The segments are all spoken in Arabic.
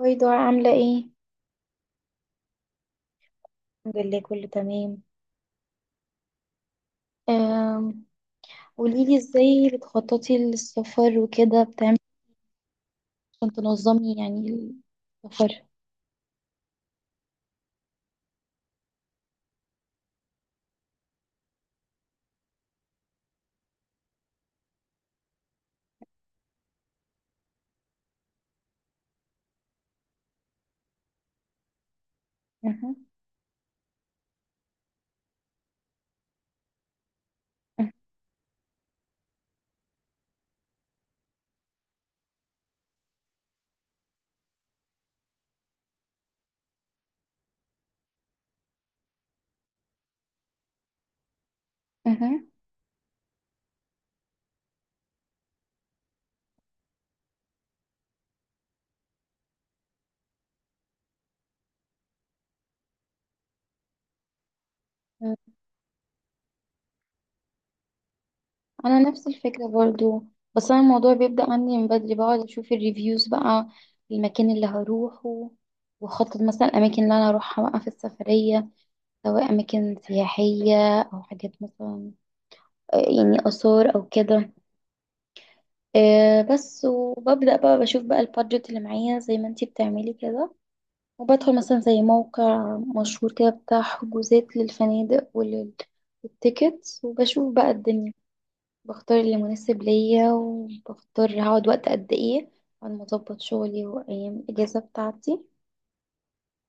هاي دعاء، عاملة ايه؟ الحمد لله، كله تمام. أم... قوليلي ازاي بتخططي للسفر وكده، بتعملي إيه؟ عشان تنظمي يعني السفر. أها، أها، أها. انا نفس الفكرة برضو، بس انا الموضوع بيبدأ عندي من بدري، بقعد اشوف الريفيوز بقى المكان اللي هروحه، واخطط مثلا الاماكن اللي انا هروحها بقى في السفرية، سواء اماكن سياحية او حاجات مثلا، يعني اثار او كده. آه بس، وببدأ بقى بشوف بقى البادجت اللي معايا زي ما انتي بتعملي كده، وبدخل مثلا زي موقع مشهور كده بتاع حجوزات للفنادق وللتيكتس، وبشوف بقى الدنيا، بختار اللي مناسب ليا، وبختار هقعد وقت قد ايه، على ما اظبط شغلي وايام الاجازة بتاعتي.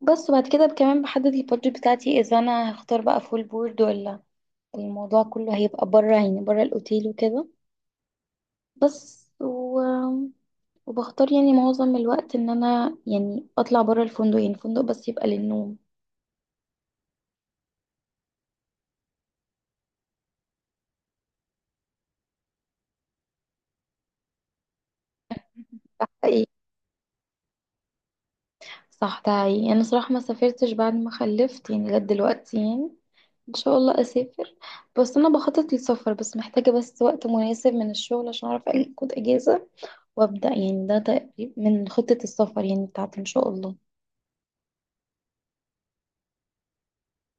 بس وبعد كده كمان بحدد البادجت بتاعتي اذا انا هختار بقى فول بورد، ولا الموضوع كله هيبقى بره، يعني بره الاوتيل وكده. بس و... وبختار يعني معظم الوقت ان انا يعني اطلع بره الفندق، يعني الفندق بس يبقى للنوم. صح ايه. صح، ده حقيقي، يعني انا صراحة ما سافرتش بعد ما خلفت يعني لغاية دلوقتي يعني. ان شاء الله اسافر. بس انا بخطط للسفر، بس محتاجة بس وقت مناسب من الشغل عشان اعرف اخد اجازة وابدأ، يعني ده تقريبا من خطة السفر يعني بتاعتي ان شاء الله.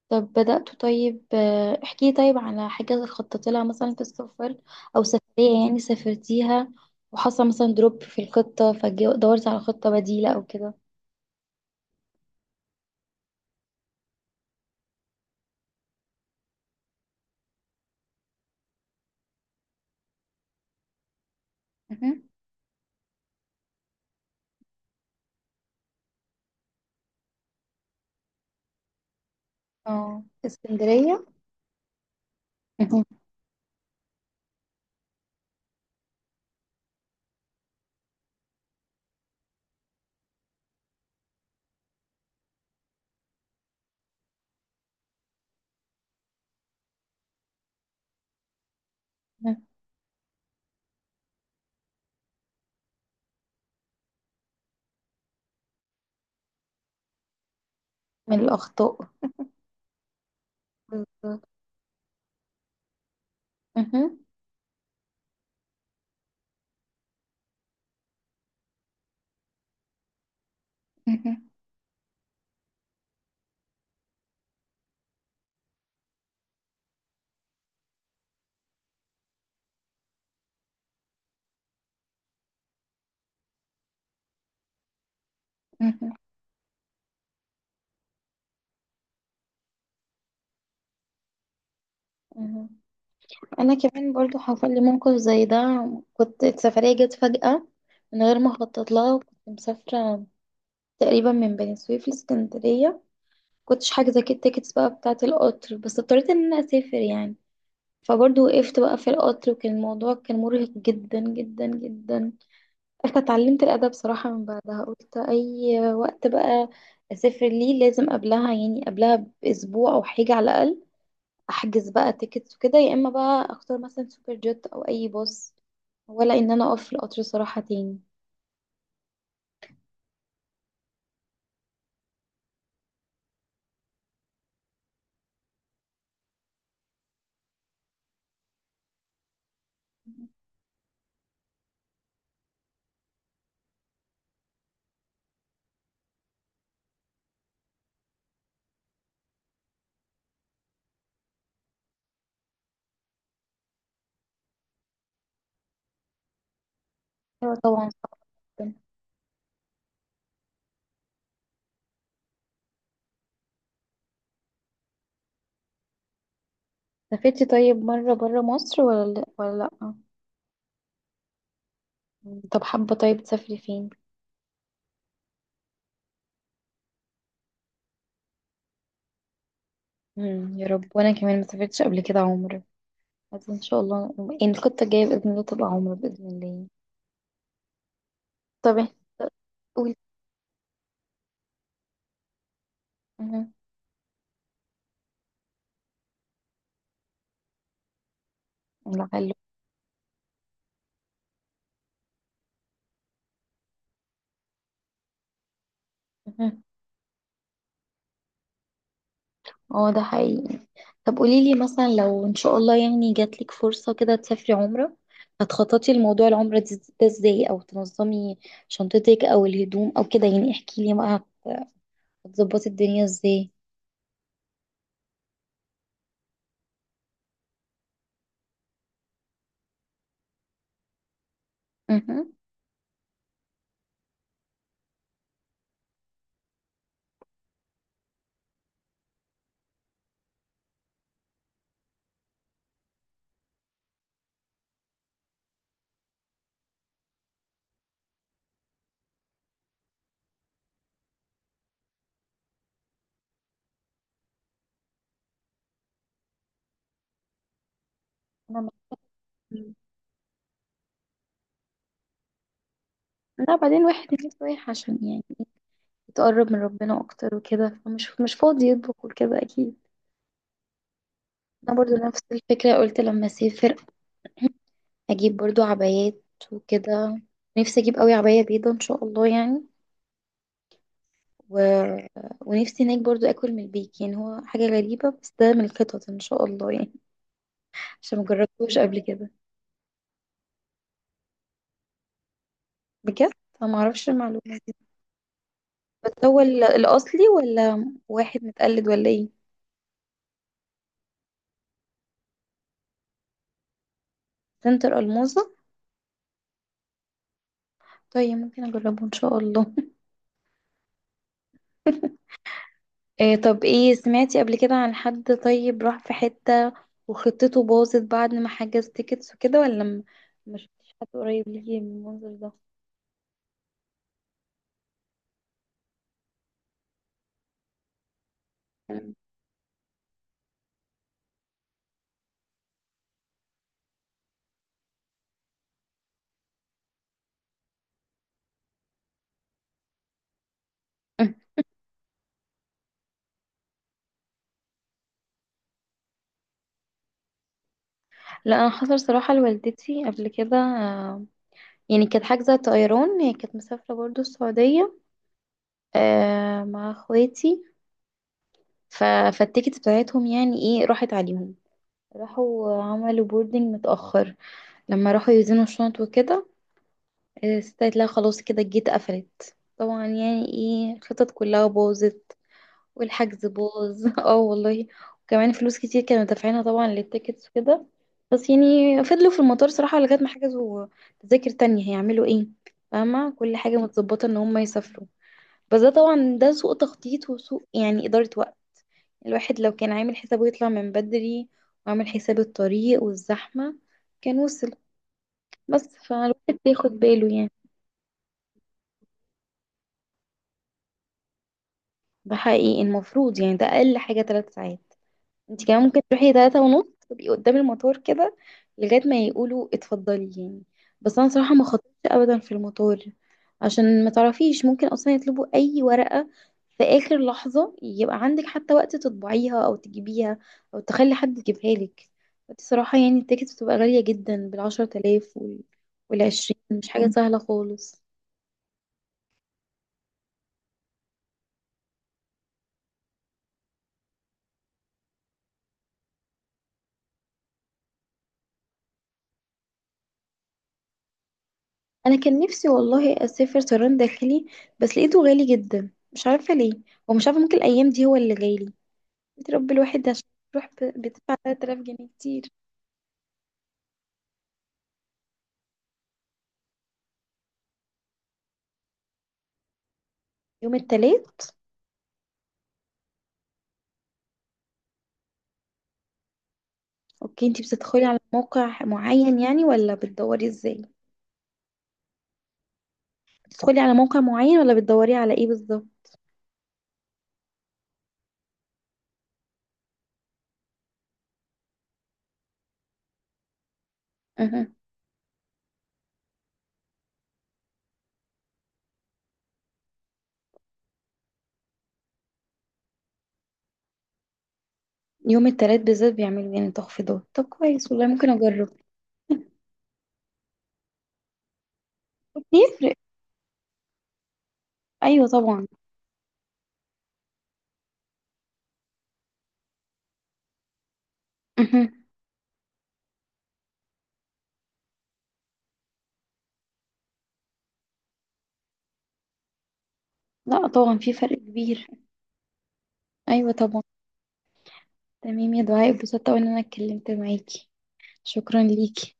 طب بدأت، طيب احكي طيب على حاجة خططت لها مثلا في السفر، أو سفرية يعني سافرتيها وحصل مثلا دروب في الخطة، فدورت على خطة بديلة أو كده. مهم. اه، اسكندرية. مهم. من الأخطاء. بالظبط. مهم. مهم. مهم. مهم. أنا كمان برضو حصل لي موقف زي ده. كنت السفرية جت فجأة من غير ما أخطط لها، وكنت مسافرة تقريبا من بني سويف لاسكندرية، كنتش حاجزة كده التيكتس بقى بتاعة القطر، بس اضطريت ان انا اسافر يعني. فبرضه وقفت بقى في القطر، وكان الموضوع كان مرهق جدا جدا جدا. انا اتعلمت الادب صراحة من بعدها، قلت اي وقت بقى اسافر ليه لازم قبلها، يعني قبلها باسبوع او حاجة على الاقل احجز بقى تيكتس وكده، يا اما بقى اختار مثلا سوبر جيت او اي باص، ولا ان انا اقف في القطر صراحة تاني. ايوه طبعا. صعب. سافرتي طيب مرة برا مصر، ولا لا ولا؟ لا. طب حابة طيب تسافري فين؟ مم. يا رب. وانا كمان ما سافرتش قبل كده عمرة، بس ان شاء الله، يعني الخطة الجاية بإذن الله تبقى عمرة بإذن الله. طب إيه؟ طب قولي. أها. لعله. أها. اه ده حقيقي. طب قولي لي مثلا لو ان شاء الله يعني جات لك فرصة كده تسافري عمرة، هتخططي لموضوع العمرة ده ازاي، او تنظمي شنطتك او الهدوم او كده، يعني احكي لي بقى. هت- هتظبطي الدنيا ازاي؟ اها. أنا- لا، بعدين واحد نفسه رايح عشان يعني تقرب من ربنا اكتر وكده، فمش مش فاضي يطبخ وكده اكيد. انا برضو نفس الفكره، قلت لما اسافر اجيب برضو عبايات وكده، نفسي اجيب قوي عبايه بيضه ان شاء الله يعني. و... ونفسي هناك برضو اكل من البيك، يعني هو حاجه غريبه بس ده من الخطط ان شاء الله يعني، عشان مجربتوش قبل كده. بجد؟ فما اعرفش المعلومه دي. بس هو الاصلي ولا واحد متقلد ولا ايه؟ سنتر الموزه؟ طيب ممكن اجربه ان شاء الله. إيه، طب ايه، سمعتي قبل كده عن حد طيب راح في حتة وخطته باظت بعد ما حجز تيكتس وكده، ولا ما شفتيش حد قريب ليكي من المنظر ده؟ مم. لا، انا حصل صراحة لوالدتي قبل كده، يعني كانت حاجزة طيران، هي كانت مسافرة برضو السعودية، مع اخواتي. ف... فالتيكت بتاعتهم يعني ايه راحت عليهم، راحوا عملوا بوردنج متأخر لما راحوا يوزنوا الشنط وكده، استيت لا خلاص كده جيت قفلت طبعا يعني ايه، الخطط كلها باظت والحجز باظ. اه والله. وكمان فلوس كتير كانوا دافعينها طبعا للتيكتس وكده، بس يعني فضلوا في المطار صراحة لغاية ما حجزوا تذاكر تانية، هيعملوا ايه، فاهمة كل حاجة متظبطة ان هم يسافروا. بس ده طبعا ده سوء تخطيط وسوء يعني إدارة وقت. الواحد لو كان عامل حسابه يطلع من بدري وعامل حساب الطريق والزحمة كان وصل، بس فالواحد بياخد باله يعني. ده حقيقي، المفروض يعني ده اقل حاجه 3 ساعات، انت كمان ممكن تروحي 3:30، تبقي قدام المطار كده لغايه ما يقولوا اتفضلي يعني. بس انا صراحه ما خطرتش ابدا في المطار، عشان ما تعرفيش ممكن اصلا يطلبوا اي ورقه في اخر لحظه، يبقى عندك حتى وقت تطبعيها او تجيبيها او تخلي حد يجيبها لك. بس صراحه يعني التيكت بتبقى غاليه جدا، بالعشرة آلاف وال والعشرين، مش حاجه سهله خالص. انا كان نفسي والله اسافر طيران داخلي، بس لقيته غالي جدا مش عارفه ليه، ومش عارفه ممكن الايام دي هو اللي غالي بتربي الواحد، عشان تروح بتدفع 3000 جنيه كتير. يوم التلات. اوكي، انتي بتدخلي على موقع معين يعني ولا بتدوري ازاي؟ بتدخلي على موقع معين ولا بتدوري على ايه بالظبط؟ اها. يوم التلات بالذات بيعملوا يعني تخفيضات، طب كويس والله ممكن اجرب. بيفرق. ايوه طبعا. اها. لا طبعا في فرق كبير. ايوه طبعا. تمام يا دعاء، اتبسطت أوي ان انا اتكلمت معاكي، شكرا ليكي.